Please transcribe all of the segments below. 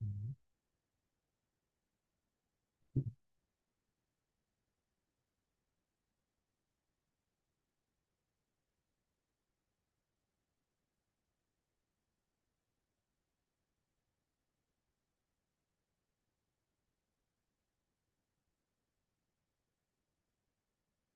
Mhm.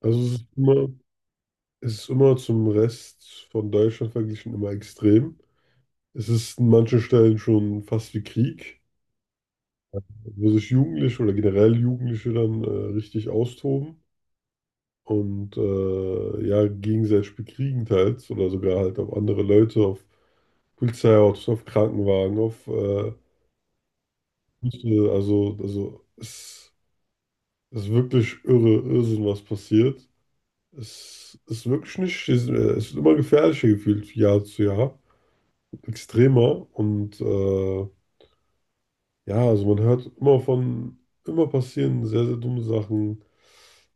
Also es ist immer zum Rest von Deutschland verglichen immer extrem. Es ist an manchen Stellen schon fast wie Krieg, wo sich Jugendliche oder generell Jugendliche dann richtig austoben und ja, gegenseitig bekriegen teils oder sogar halt auf andere Leute, auf Polizeiautos, auf Krankenwagen, auf Busse. Also es ist wirklich irre, Irrsinn, was passiert. Es ist wirklich nicht, es ist immer gefährlicher gefühlt, Jahr zu Jahr, extremer und ja, also man hört immer von, immer passieren sehr, sehr dumme Sachen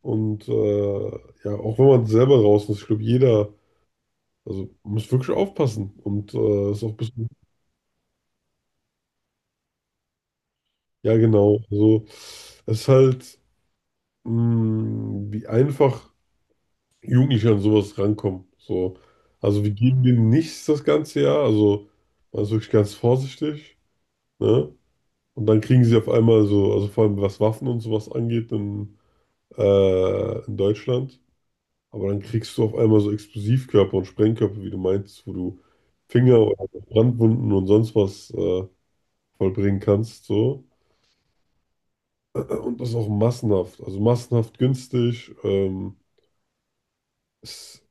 und ja, auch wenn man selber draußen ist, ich glaube, jeder, also man muss wirklich aufpassen und ist auch ein bisschen, ja genau, also es ist halt, wie einfach Jugendliche an sowas rankommen, so, also wir geben denen nichts das ganze Jahr, also man ist wirklich ganz vorsichtig. Ne? Und dann kriegen sie auf einmal so, also vor allem was Waffen und sowas angeht in Deutschland, aber dann kriegst du auf einmal so Explosivkörper und Sprengkörper, wie du meinst, wo du Finger oder Brandwunden und sonst was vollbringen kannst. So. Und das auch massenhaft, also massenhaft günstig. Ist,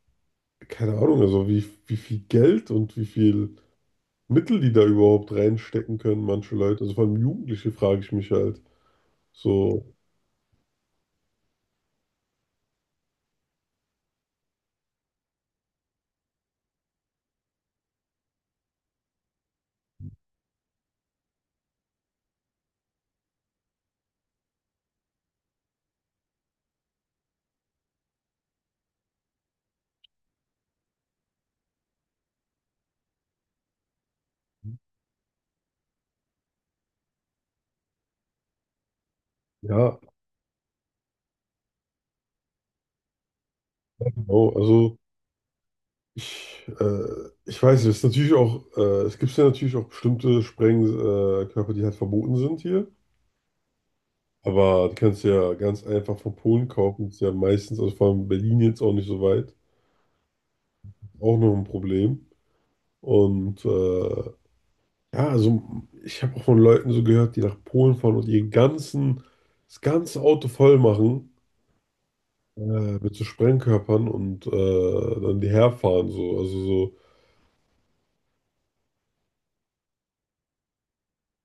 keine Ahnung, also wie viel Geld und wie viel Mittel die da überhaupt reinstecken können, manche Leute. Also vor allem Jugendliche frage ich mich halt. So, ja, I don't know. Also. Ich, äh, ich weiß nicht, es ist natürlich auch, es gibt ja natürlich auch bestimmte Sprengkörper, Körper, die halt verboten sind hier. Aber die kannst du ja ganz einfach von Polen kaufen. Ist ja meistens, also vor allem Berlin jetzt auch nicht so weit. Auch noch ein Problem. Und ja, also ich habe auch von Leuten so gehört, die nach Polen fahren und ihr ganzen, das ganze Auto voll machen äh, mit so Sprengkörpern und dann die herfahren. So. Also so,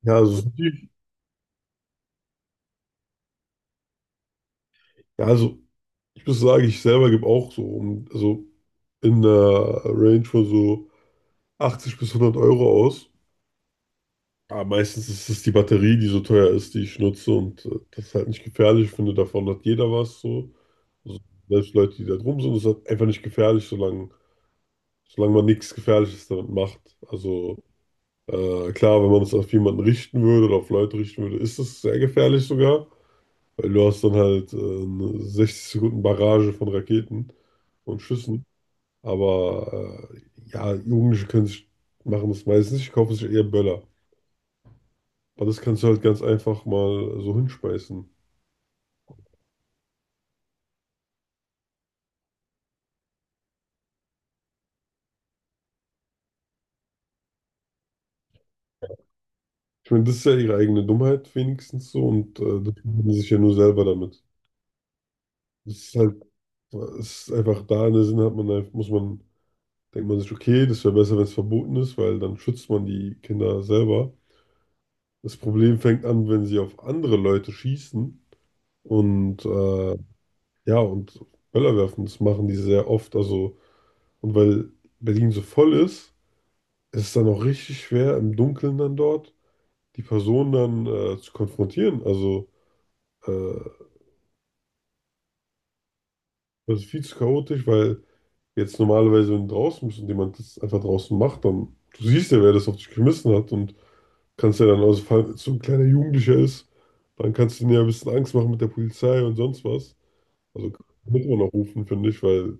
ja, also, ja, also ich muss sagen, ich selber gebe auch so, um, also in der Range von so 80 bis 100 € aus. Aber meistens ist es die Batterie, die so teuer ist, die ich nutze und das ist halt nicht gefährlich. Ich finde, davon hat jeder was so. Also selbst Leute, die da drum sind, ist halt einfach nicht gefährlich, solange man nichts Gefährliches damit macht. Also klar, wenn man es auf jemanden richten würde oder auf Leute richten würde, ist es sehr gefährlich sogar, weil du hast dann halt eine 60 Sekunden Barrage von Raketen und Schüssen. Aber ja, Jugendliche können sich, machen das meistens nicht, die kaufen sich eher Böller. Aber das kannst du halt ganz einfach mal so hinschmeißen. Ich meine, das ist ja ihre eigene Dummheit wenigstens so und das machen sie sich ja nur selber damit. Das ist halt, es ist einfach da in der Sinne hat man, muss man, denkt man sich, okay, das wäre besser, wenn es verboten ist, weil dann schützt man die Kinder selber. Das Problem fängt an, wenn sie auf andere Leute schießen und ja, und Böller werfen, das machen die sehr oft. Also. Und weil Berlin so voll ist, ist es dann auch richtig schwer, im Dunkeln dann dort die Person dann zu konfrontieren. Also äh, das ist viel zu chaotisch, weil jetzt normalerweise, wenn du draußen bist und jemand das einfach draußen macht, dann du siehst ja, wer das auf dich geschmissen hat und kannst ja dann, also falls so ein kleiner Jugendlicher ist, dann kannst du dir ja ein bisschen Angst machen mit der Polizei und sonst was. Also muss man auch rufen, finde ich, weil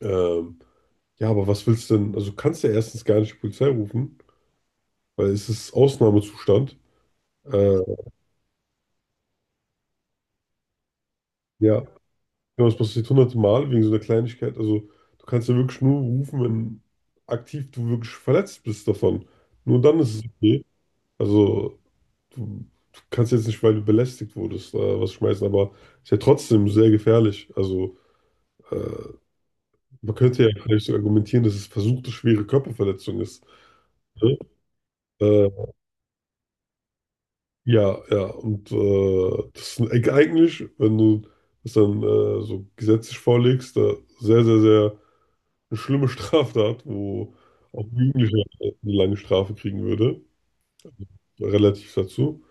ähm, ja, aber was willst du denn? Also kannst du ja erstens gar nicht die Polizei rufen, weil es ist Ausnahmezustand. Äh, ja, genau, das passiert hunderte Mal wegen so einer Kleinigkeit. Also, du kannst ja wirklich nur rufen, wenn aktiv du wirklich verletzt bist davon. Nur dann ist es okay. Also, du, du kannst jetzt nicht, weil du belästigt wurdest, was schmeißen, aber ist ja trotzdem sehr gefährlich. Also, äh, man könnte ja vielleicht so argumentieren, dass es versuchte schwere Körperverletzung ist. Ne? Äh, ja, ja, und das ist eigentlich, wenn du das dann so gesetzlich vorlegst, sehr, sehr, sehr eine schlimme Straftat, wo auch ein Jugendlicher eine lange Strafe kriegen würde, relativ dazu.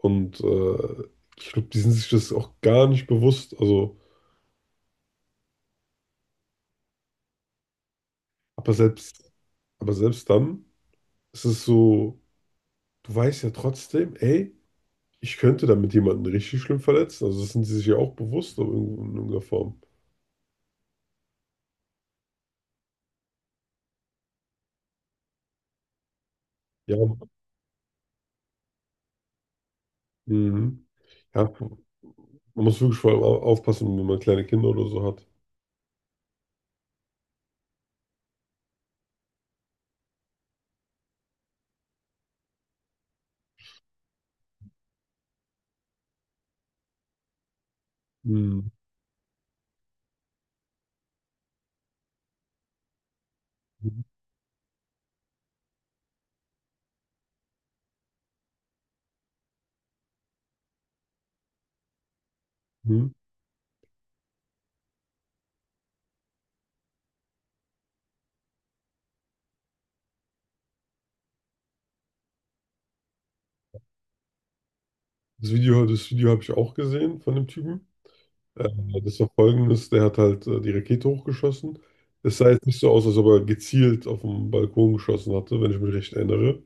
Und ich glaube, die sind sich das auch gar nicht bewusst. Also, aber selbst, aber selbst dann ist es so, du weißt ja trotzdem, ey, ich könnte damit jemanden richtig schlimm verletzen. Also, das sind sie sich ja auch bewusst in irgendeiner Form. Ja, mhm. Ja, man muss wirklich vor allem aufpassen, wenn man kleine Kinder oder so hat. Mhm. Mhm. Das Video habe ich auch gesehen von dem Typen. Äh, Das war folgendes, der hat halt die Rakete hochgeschossen. Es sah jetzt nicht so aus, als ob er gezielt auf den Balkon geschossen hatte, wenn ich mich recht erinnere.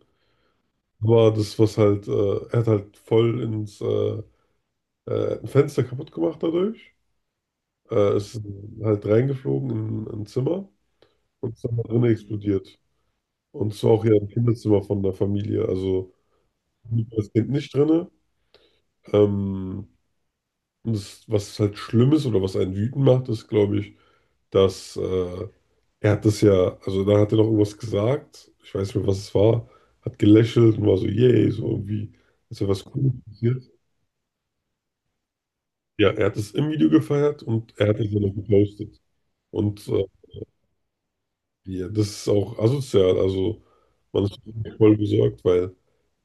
Aber das, was halt, er hat halt voll ins ein Fenster kaputt gemacht dadurch. Ist halt reingeflogen in ein Zimmer und ist dann da drin explodiert. Und es war auch ja ein Kinderzimmer von der Familie, also das Kind nicht drin. Ähm, und das, was halt schlimm ist oder was einen wütend macht, ist, glaube ich, dass er hat das ja, also da hat er noch irgendwas gesagt, ich weiß nicht mehr, was es war, hat gelächelt und war so, yay, so irgendwie, ist ja was Cooles passiert. Ja, er hat es im Video gefeiert und er hat es dann noch gepostet. Und ja, das ist auch asozial, also man ist voll besorgt, weil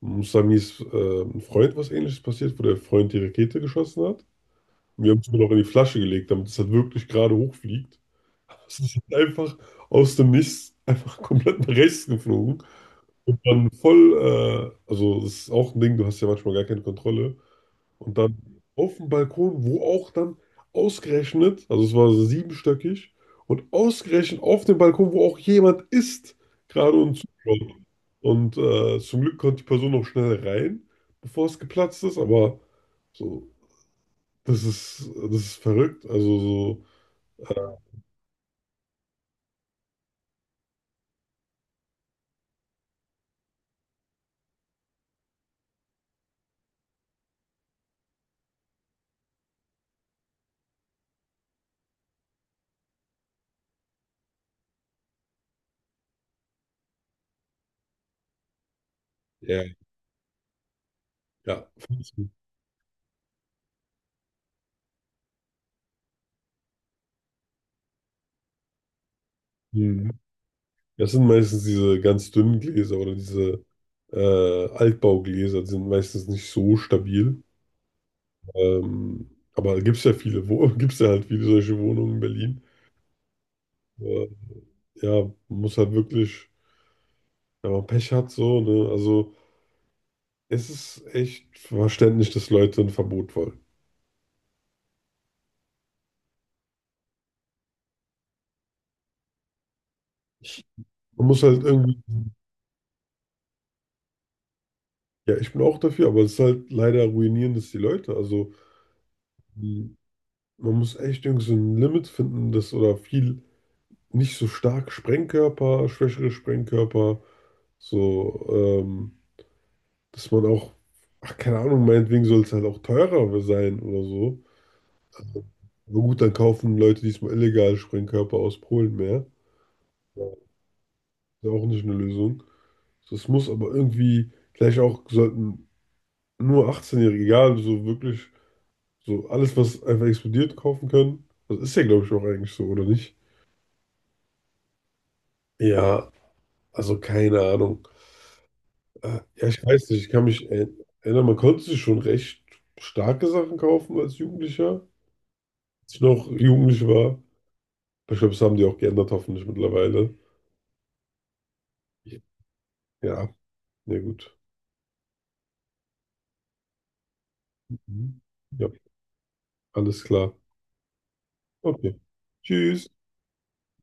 Musamis ein Freund was Ähnliches passiert, wo der Freund die Rakete geschossen hat. Wir haben es nur noch in die Flasche gelegt, damit es halt wirklich gerade hochfliegt. Es ist halt einfach aus dem Nichts einfach komplett nach rechts geflogen. Und dann voll, also das ist auch ein Ding, du hast ja manchmal gar keine Kontrolle. Und dann auf dem Balkon, wo auch dann ausgerechnet, also es war so siebenstöckig, und ausgerechnet auf dem Balkon, wo auch jemand ist, gerade und zuschaut. Und zum Glück konnte die Person noch schnell rein, bevor es geplatzt ist, aber so, das ist verrückt. Also so, äh, ja, ja. Hm. Das sind meistens diese ganz dünnen Gläser oder diese Altbaugläser, die sind meistens nicht so stabil. Aber gibt es ja viele, wo gibt es ja halt viele solche Wohnungen in Berlin. Äh, ja, man muss halt wirklich, wenn man Pech hat, so, ne? Also es ist echt verständlich, dass Leute ein Verbot wollen. Ich, Man muss halt irgendwie, ja, ich bin auch dafür, aber es ist halt leider ruinierend, dass die Leute, also mh, man muss echt irgendwie so ein Limit finden, das oder viel nicht so stark Sprengkörper, schwächere Sprengkörper, so, dass man auch, ach, keine Ahnung, meinetwegen soll es halt auch teurer sein oder so. Aber gut, dann kaufen Leute diesmal illegal Sprengkörper aus Polen mehr. Ist ja auch nicht eine Lösung. Das muss aber irgendwie, vielleicht auch sollten nur 18-Jährige, egal, so wirklich, so alles, was einfach explodiert, kaufen können. Das ist ja, glaube ich, auch eigentlich so, oder nicht? Ja, also keine Ahnung. Ah, ja, ich weiß nicht, ich kann mich erinnern, man konnte sich schon recht starke Sachen kaufen als Jugendlicher, als ich noch jugendlich war. Aber ich glaube, das haben die auch geändert, hoffentlich mittlerweile. Ja, na gut. Mhm. Ja, alles klar. Okay. Tschüss.